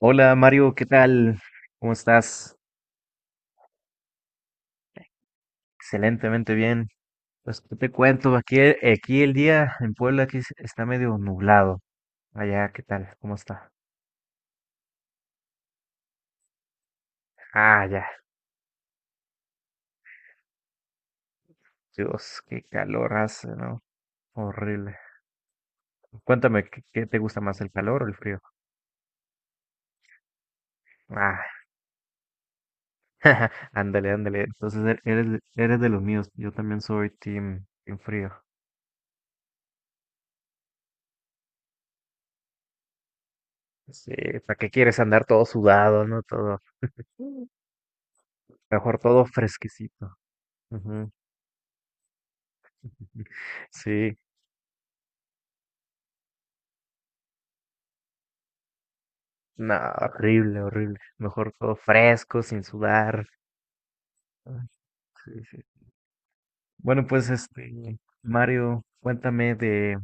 Hola Mario, ¿qué tal? ¿Cómo estás? Excelentemente bien. Pues ¿qué te cuento? Aquí, aquí el día en Puebla está medio nublado. Allá, ¿qué tal? ¿Cómo está? Ah, ya. Dios, qué calor hace, ¿no? Horrible. Cuéntame, ¿qué te gusta más, el calor o el frío? Ah, ándale, ándale. Entonces eres de los míos. Yo también soy team frío. Sí, ¿para qué quieres andar todo sudado, no? Todo, mejor todo fresquecito. Ujú. Sí. No, horrible, horrible. Mejor todo fresco, sin sudar. Ay, sí, sí. Bueno, pues Mario,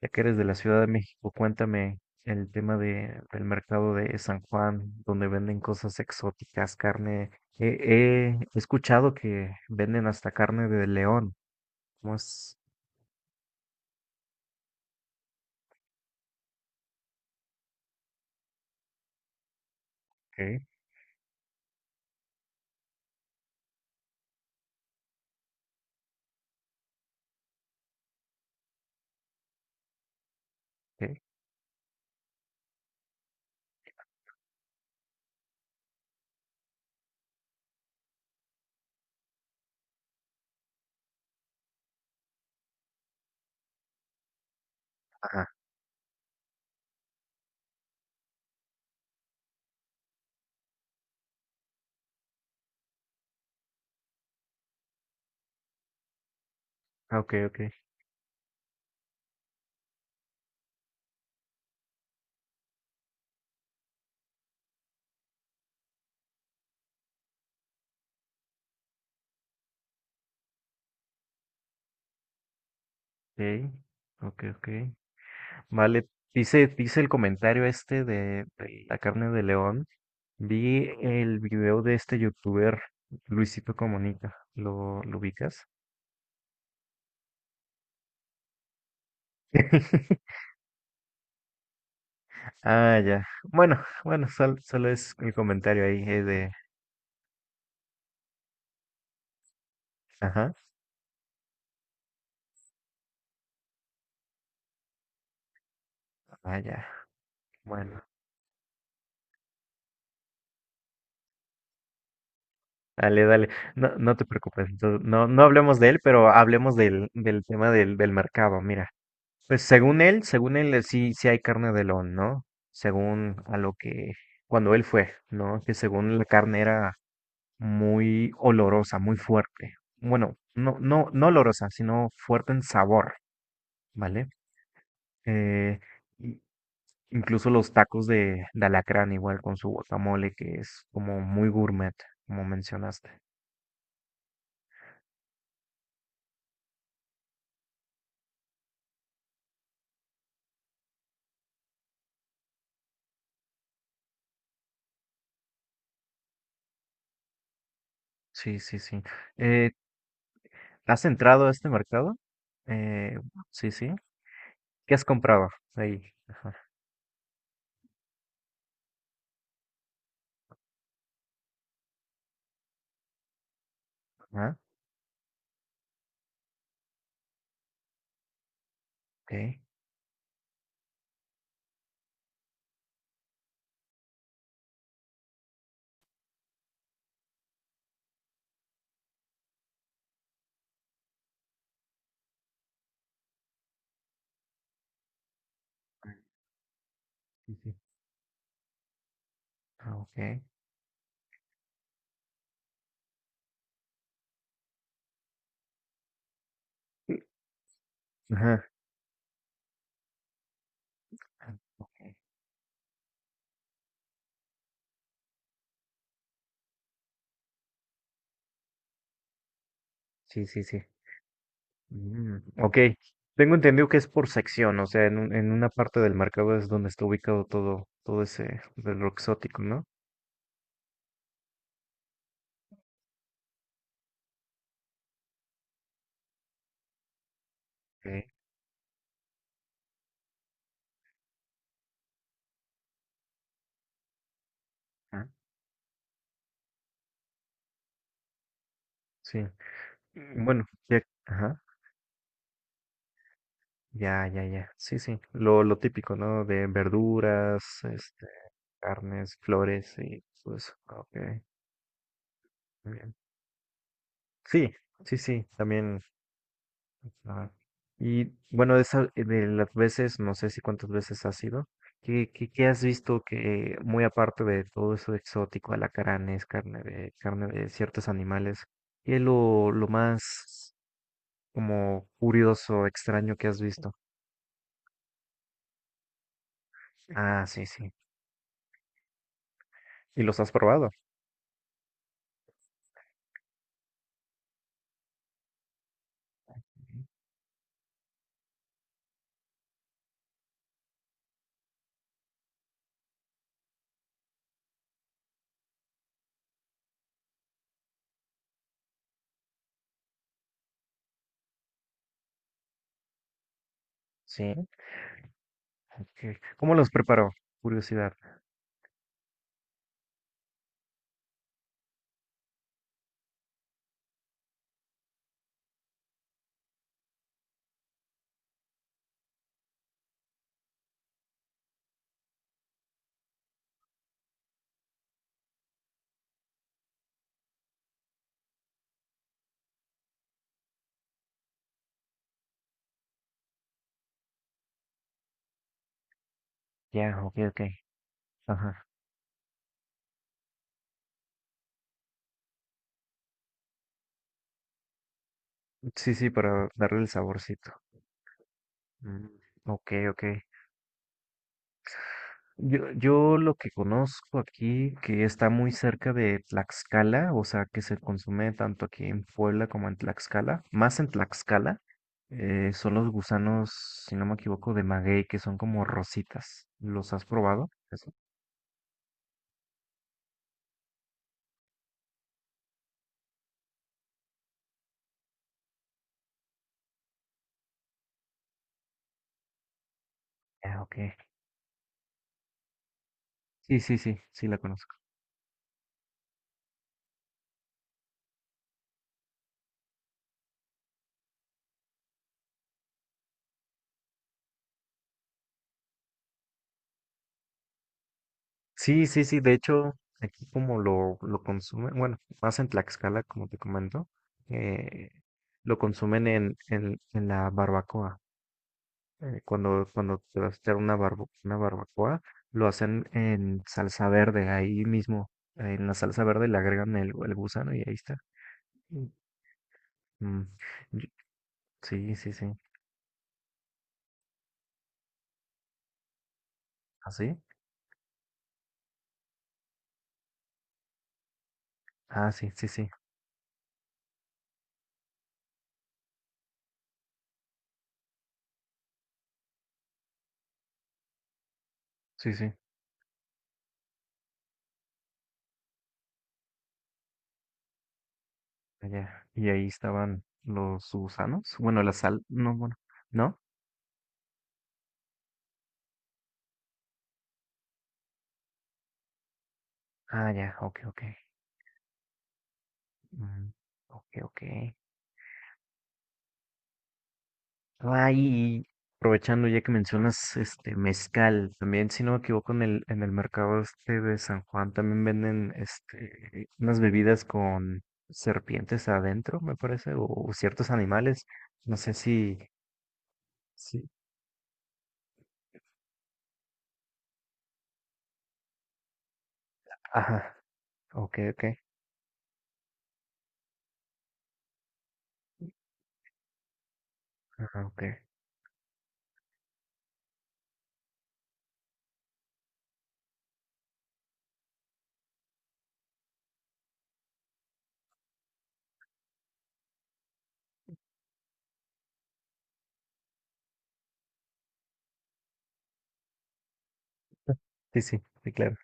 ya que eres de la Ciudad de México, cuéntame el tema del mercado de San Juan, donde venden cosas exóticas, carne. He escuchado que venden hasta carne de león. ¿Cómo es? ¿Qué? ¿Qué? Ajá. Ah, ok, ok. Ok, ok, ok. Vale, dice el comentario este de la carne de león. Vi el video de este youtuber, Luisito Comunica. ¿Lo ubicas? Ah, ya. Bueno, bueno, solo es el comentario ahí de... Ajá. Ah, ya. Bueno. Dale, dale. No, no te preocupes. Entonces, no, no hablemos de él, pero hablemos del tema del mercado. Mira. Pues según él sí, sí hay carne de león, ¿no? Según a cuando él fue, ¿no? Que según la carne era muy olorosa, muy fuerte. Bueno, no olorosa, sino fuerte en sabor, ¿vale? Eh, i- incluso los tacos de alacrán, igual con su guacamole, que es como muy gourmet, como mencionaste. Sí, sí, sí. Eh, ¿Has entrado a este mercado? Eh, sí, sí. ¿Qué has comprado ahí? Ajá. Ah, ok. Sí, sí. Ah, ok. Ajá. Ah, ok. Sí, sí, sí. Mm, ok. Tengo entendido que es por sección, o sea, en una parte del mercado es donde está ubicado todo, todo ese del lo exótico, ¿no? Ok. Ah, sí. Mm, bueno, ya, ajá. Ya, ya, ya. Sí, sí. Lo típico, ¿no? De verduras, este, carnes, flores y pues, ok. Muy bien. Sí, sí, sí. También ajá. Y bueno, de las veces, no sé si cuántas veces has ido, ¿qué has visto que, muy aparte de todo eso exótico, alacranes, carne de ciertos animales, qué es lo más como curioso, extraño que has visto? Ah, sí, sí. ¿Y los has probado? Sí. Ok. ¿Cómo los preparó? Curiosidad. Ya, ok, ok. Ajá. Sí, sí, para darle el saborcito. Mm, ok, ok. Yo lo que conozco aquí, que está muy cerca de Tlaxcala, o sea, que se consume tanto aquí en Puebla como en Tlaxcala, más en Tlaxcala, son los gusanos, si no me equivoco, de maguey, que son como rositas. ¿Los has probado? Eso. Ah, ok. Sí, sí, sí, sí la conozco. Sí, sí, sí, de hecho, aquí como lo consumen, bueno, más en Tlaxcala, como te comento, eh, lo consumen en la barbacoa. Eh, cuando, cuando te vas a echar una barbacoa, lo hacen en salsa verde, ahí mismo, en la salsa verde le agregan el gusano y ahí está. Mm, mm, yo- sí, sí, sí. Así ah, sí, sí, sí, sí, sí. Allá. Y ahí estaban los gusanos. Bueno, la sal, no, bueno, ¿no? Ah, ya, ok, ok. Mm, ok, ok. Ay, y aprovechando ya que mencionas este mezcal, también si no me equivoco en el mercado este de San Juan también venden este unas bebidas con serpientes adentro, me parece, o ciertos animales. No sé si, sí, ajá, ok, ok, ajá, ok. Sí, sí, sí, claro.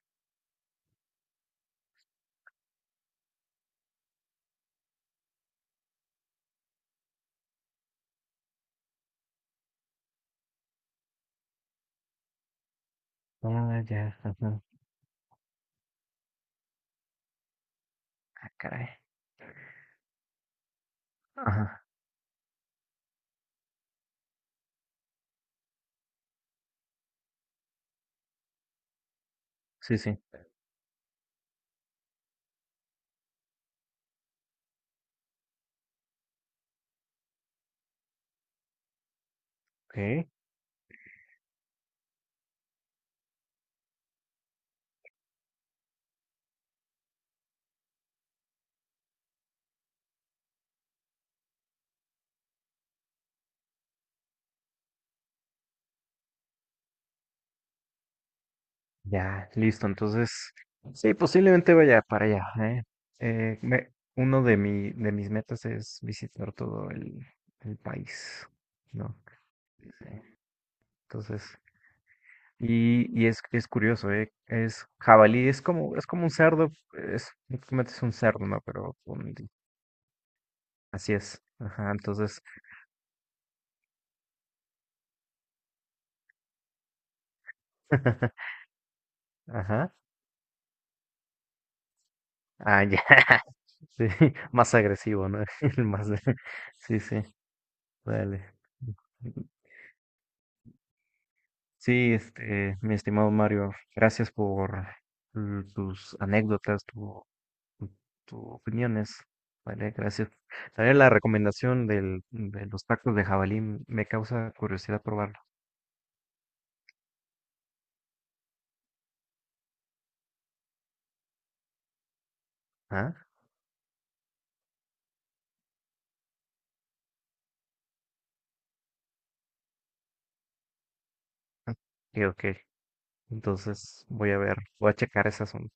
Ah, ya, ajá. Ah, caray. Ajá, sí, sí. Ok. Ya, listo. Entonces, sí, posiblemente vaya para allá, ¿eh? Uno de de mis metas es visitar todo el país, ¿no? Eh, entonces, y es curioso, ¿eh? Es jabalí, es como un cerdo, es, prácticamente es un cerdo, ¿no? Pero con así es. Ajá, entonces, ajá. Ah, ya, sí, más agresivo, ¿no? El más, sí, sí, dale. Sí, este, mi estimado Mario, gracias por mm, tus anécdotas, tu- tus opiniones. Vale, gracias. También la recomendación de los tacos de jabalí me causa curiosidad probarlo. ¿Ah? Ah, ok, ok. Entonces voy a ver, voy a checar ese asunto.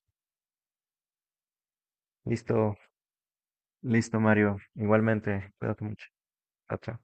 Listo, listo, Mario. Igualmente, cuídate mucho. Chao, chao.